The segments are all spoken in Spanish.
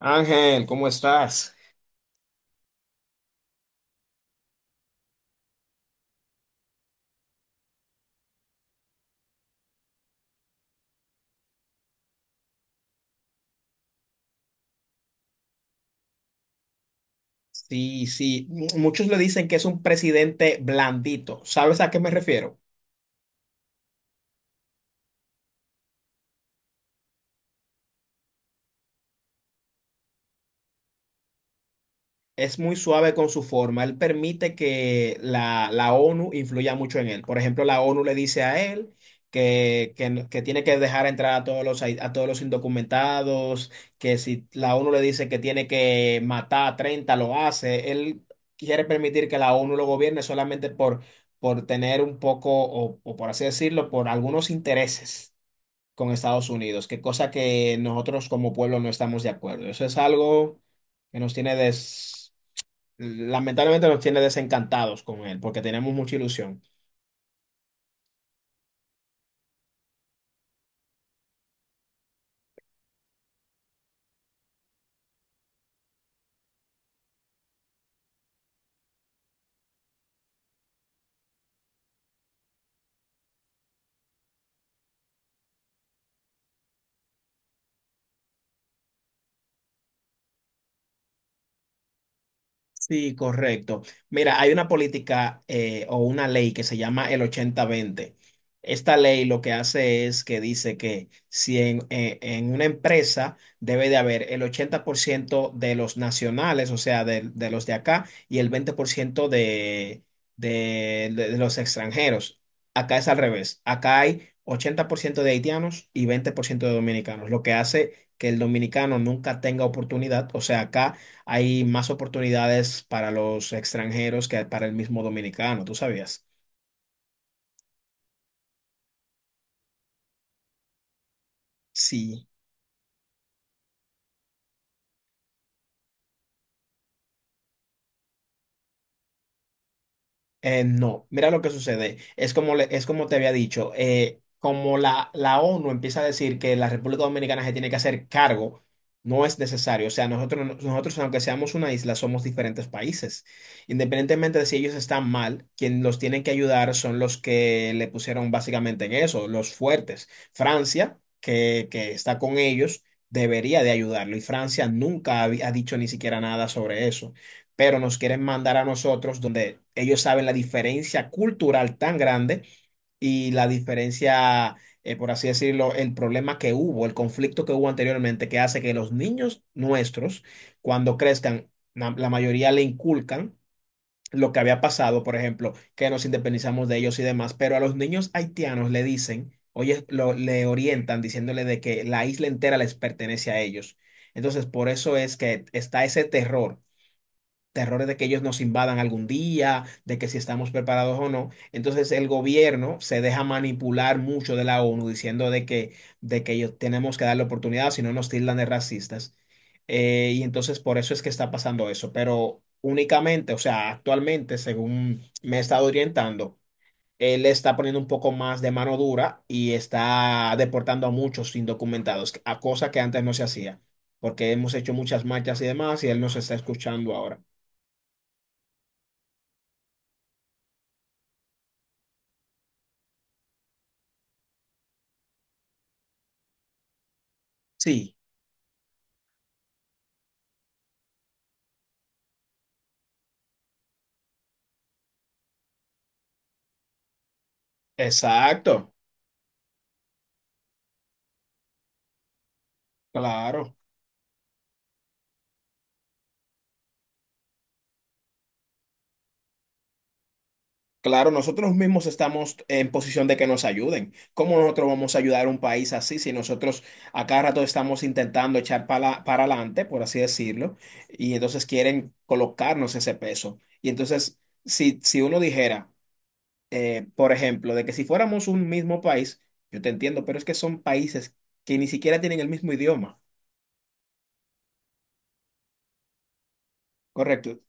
Ángel, ¿cómo estás? Sí, sí, muchos le dicen que es un presidente blandito. ¿Sabes a qué me refiero? Es muy suave con su forma. Él permite que la ONU influya mucho en él. Por ejemplo, la ONU le dice a él que tiene que dejar entrar a todos los indocumentados, que si la ONU le dice que tiene que matar a 30 lo hace. Él quiere permitir que la ONU lo gobierne solamente por tener un poco, o por así decirlo, por algunos intereses con Estados Unidos, que cosa que nosotros como pueblo no estamos de acuerdo. Eso es algo que nos tiene des Lamentablemente nos tiene desencantados con él, porque tenemos mucha ilusión. Sí, correcto. Mira, hay una política o una ley que se llama el 80-20. Esta ley lo que hace es que dice que si en una empresa debe de haber el 80% de los nacionales, o sea, de los de acá, y el 20% de los extranjeros. Acá es al revés. Acá hay 80% de haitianos y 20% de dominicanos, lo que hace que el dominicano nunca tenga oportunidad. O sea, acá hay más oportunidades para los extranjeros que para el mismo dominicano, ¿tú sabías? Sí. No, mira lo que sucede. Es es como te había dicho, como la ONU empieza a decir que la República Dominicana se tiene que hacer cargo, no es necesario. O sea, nosotros, no- nosotros aunque seamos una isla, somos diferentes países. Independientemente de si ellos están mal, quien los tienen que ayudar son los que le pusieron básicamente en eso, los fuertes. Francia, que está con ellos, debería de ayudarlo y Francia nunca ha dicho ni siquiera nada sobre eso, pero nos quieren mandar a nosotros donde ellos saben la diferencia cultural tan grande y la diferencia, por así decirlo, el problema que hubo, el conflicto que hubo anteriormente, que hace que los niños nuestros, cuando crezcan, la mayoría le inculcan lo que había pasado, por ejemplo, que nos independizamos de ellos y demás, pero a los niños haitianos le dicen, oye, le orientan diciéndole de que la isla entera les pertenece a ellos. Entonces, por eso es que está ese terrores de que ellos nos invadan algún día, de que si estamos preparados o no. Entonces el gobierno se deja manipular mucho de la ONU diciendo de que ellos tenemos que darle oportunidad, si no nos tildan de racistas. Y entonces por eso es que está pasando eso. Pero únicamente, o sea, actualmente, según me he estado orientando, él está poniendo un poco más de mano dura y está deportando a muchos indocumentados, a cosa que antes no se hacía, porque hemos hecho muchas marchas y demás y él nos está escuchando ahora. Sí. Exacto, claro, claro, nosotros mismos estamos en posición de que nos ayuden. ¿Cómo nosotros vamos a ayudar a un país así si nosotros a cada rato estamos intentando echar para adelante, por así decirlo, y entonces quieren colocarnos ese peso? Y entonces, si uno dijera, por ejemplo, de que si fuéramos un mismo país, yo te entiendo, pero es que son países que ni siquiera tienen el mismo idioma, ¿correcto?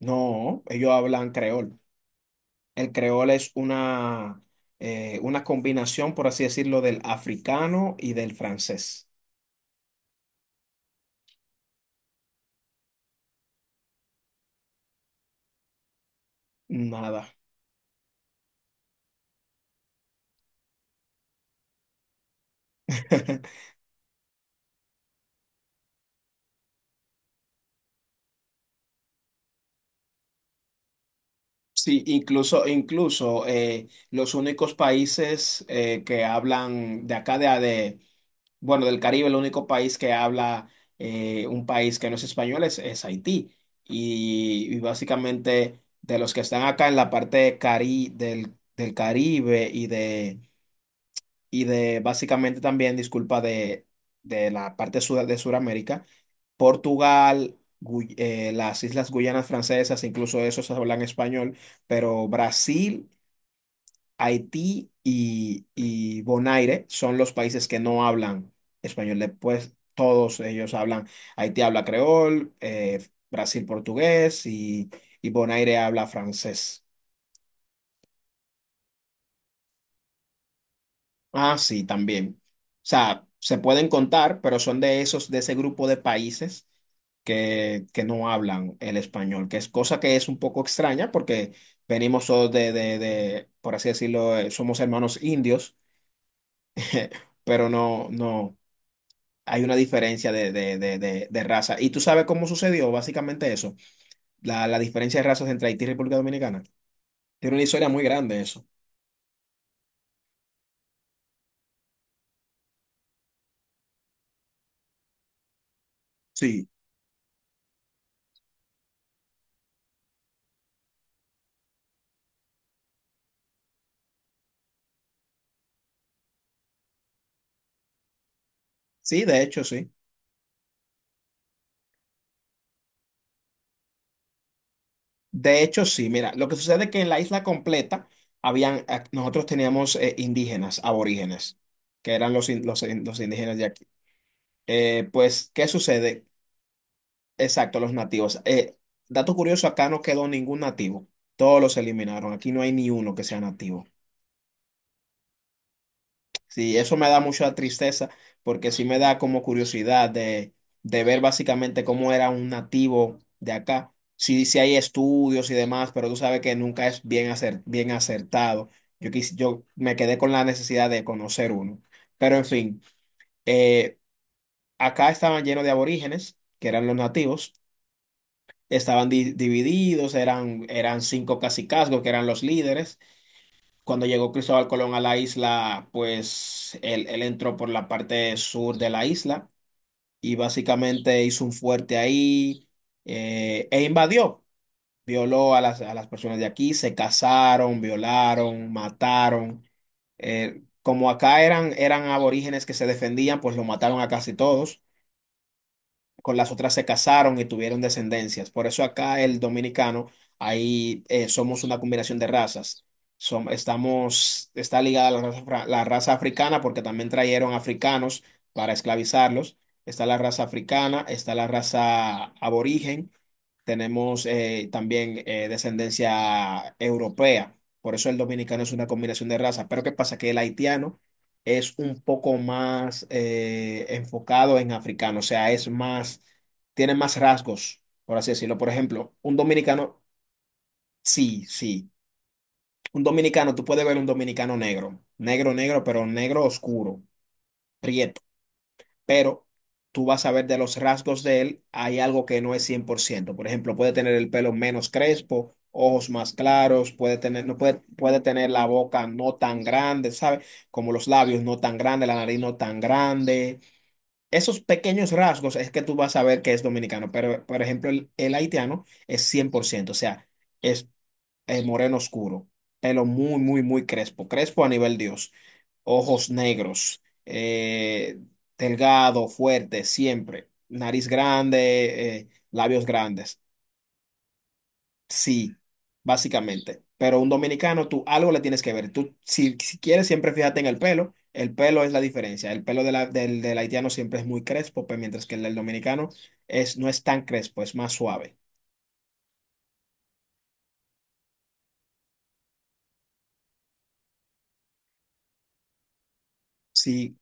No, ellos hablan creol. El creol es una combinación, por así decirlo, del africano y del francés. Nada. Sí, incluso los únicos países que hablan de acá, bueno, del Caribe, el único país que habla, un país que no es español es Haití. Y básicamente de los que están acá en la parte del Caribe y de básicamente también, disculpa, de la parte de Sudamérica, Portugal, las Islas Guyanas Francesas, incluso esos hablan español, pero Brasil, Haití y Bonaire son los países que no hablan español. Después todos ellos hablan, Haití habla creol, Brasil portugués y Bonaire habla francés. Ah, sí, también. O sea, se pueden contar, pero son de esos, de ese grupo de países que no hablan el español, que es cosa que es un poco extraña porque venimos todos por así decirlo, somos hermanos indios. Pero no, no, hay una diferencia de raza. ¿Y tú sabes cómo sucedió básicamente eso? La diferencia de razas entre Haití y República Dominicana. Tiene una historia muy grande eso. Sí. Sí, de hecho, sí. De hecho, sí, mira, lo que sucede es que en la isla completa nosotros teníamos, indígenas, aborígenes, que eran los indígenas de aquí. Pues, ¿qué sucede? Exacto, los nativos. Dato curioso, acá no quedó ningún nativo. Todos los eliminaron. Aquí no hay ni uno que sea nativo. Sí, eso me da mucha tristeza porque sí me da como curiosidad de ver básicamente cómo era un nativo de acá. Sí, sí hay estudios y demás, pero tú sabes que nunca es bien acertado. Yo me quedé con la necesidad de conocer uno. Pero en fin, eh, acá estaban llenos de aborígenes, que eran los nativos, estaban divididos, eran 5 cacicazgos, que eran los líderes. Cuando llegó Cristóbal Colón a la isla, pues él entró por la parte sur de la isla y básicamente hizo un fuerte ahí, e invadió. Violó a las personas de aquí, se casaron, violaron, mataron. Como acá eran aborígenes que se defendían, pues lo mataron a casi todos. Con las otras se casaron y tuvieron descendencias. Por eso acá el dominicano, ahí, somos una combinación de razas. Está ligada la raza, la raza africana, porque también trajeron africanos para esclavizarlos. Está la raza africana, está la raza aborigen, tenemos, también, descendencia europea. Por eso el dominicano es una combinación de razas. Pero ¿qué pasa? Que el haitiano es un poco más, enfocado en africano, o sea, es más, tiene más rasgos, por así decirlo. Por ejemplo, un dominicano, sí, sí, un dominicano, tú puedes ver un dominicano negro, negro, negro, pero negro oscuro, prieto, pero tú vas a ver de los rasgos de él, hay algo que no es 100%. Por ciento. Por ejemplo, puede tener el pelo menos crespo. Ojos más claros, puede tener, no puede, puede tener la boca no tan grande, ¿sabes? Como los labios no tan grandes, la nariz no tan grande. Esos pequeños rasgos es que tú vas a ver que es dominicano, pero por ejemplo el haitiano es 100%, o sea, es, moreno oscuro, pelo muy, muy, muy crespo, crespo a nivel Dios, ojos negros, delgado, fuerte, siempre, nariz grande, labios grandes. Sí, básicamente. Pero un dominicano, tú algo le tienes que ver. Tú, si quieres, siempre fíjate en el pelo. El pelo es la diferencia. El pelo de del haitiano siempre es muy crespo, pues, mientras que el del dominicano es, no es tan crespo, es más suave. Sí,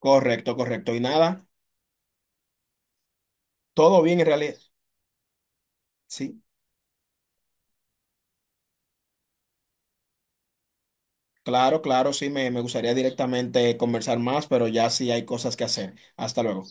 correcto, correcto. Y nada, todo bien en realidad. Sí, claro, claro, sí, me gustaría directamente conversar más, pero ya sí hay cosas que hacer. Hasta luego.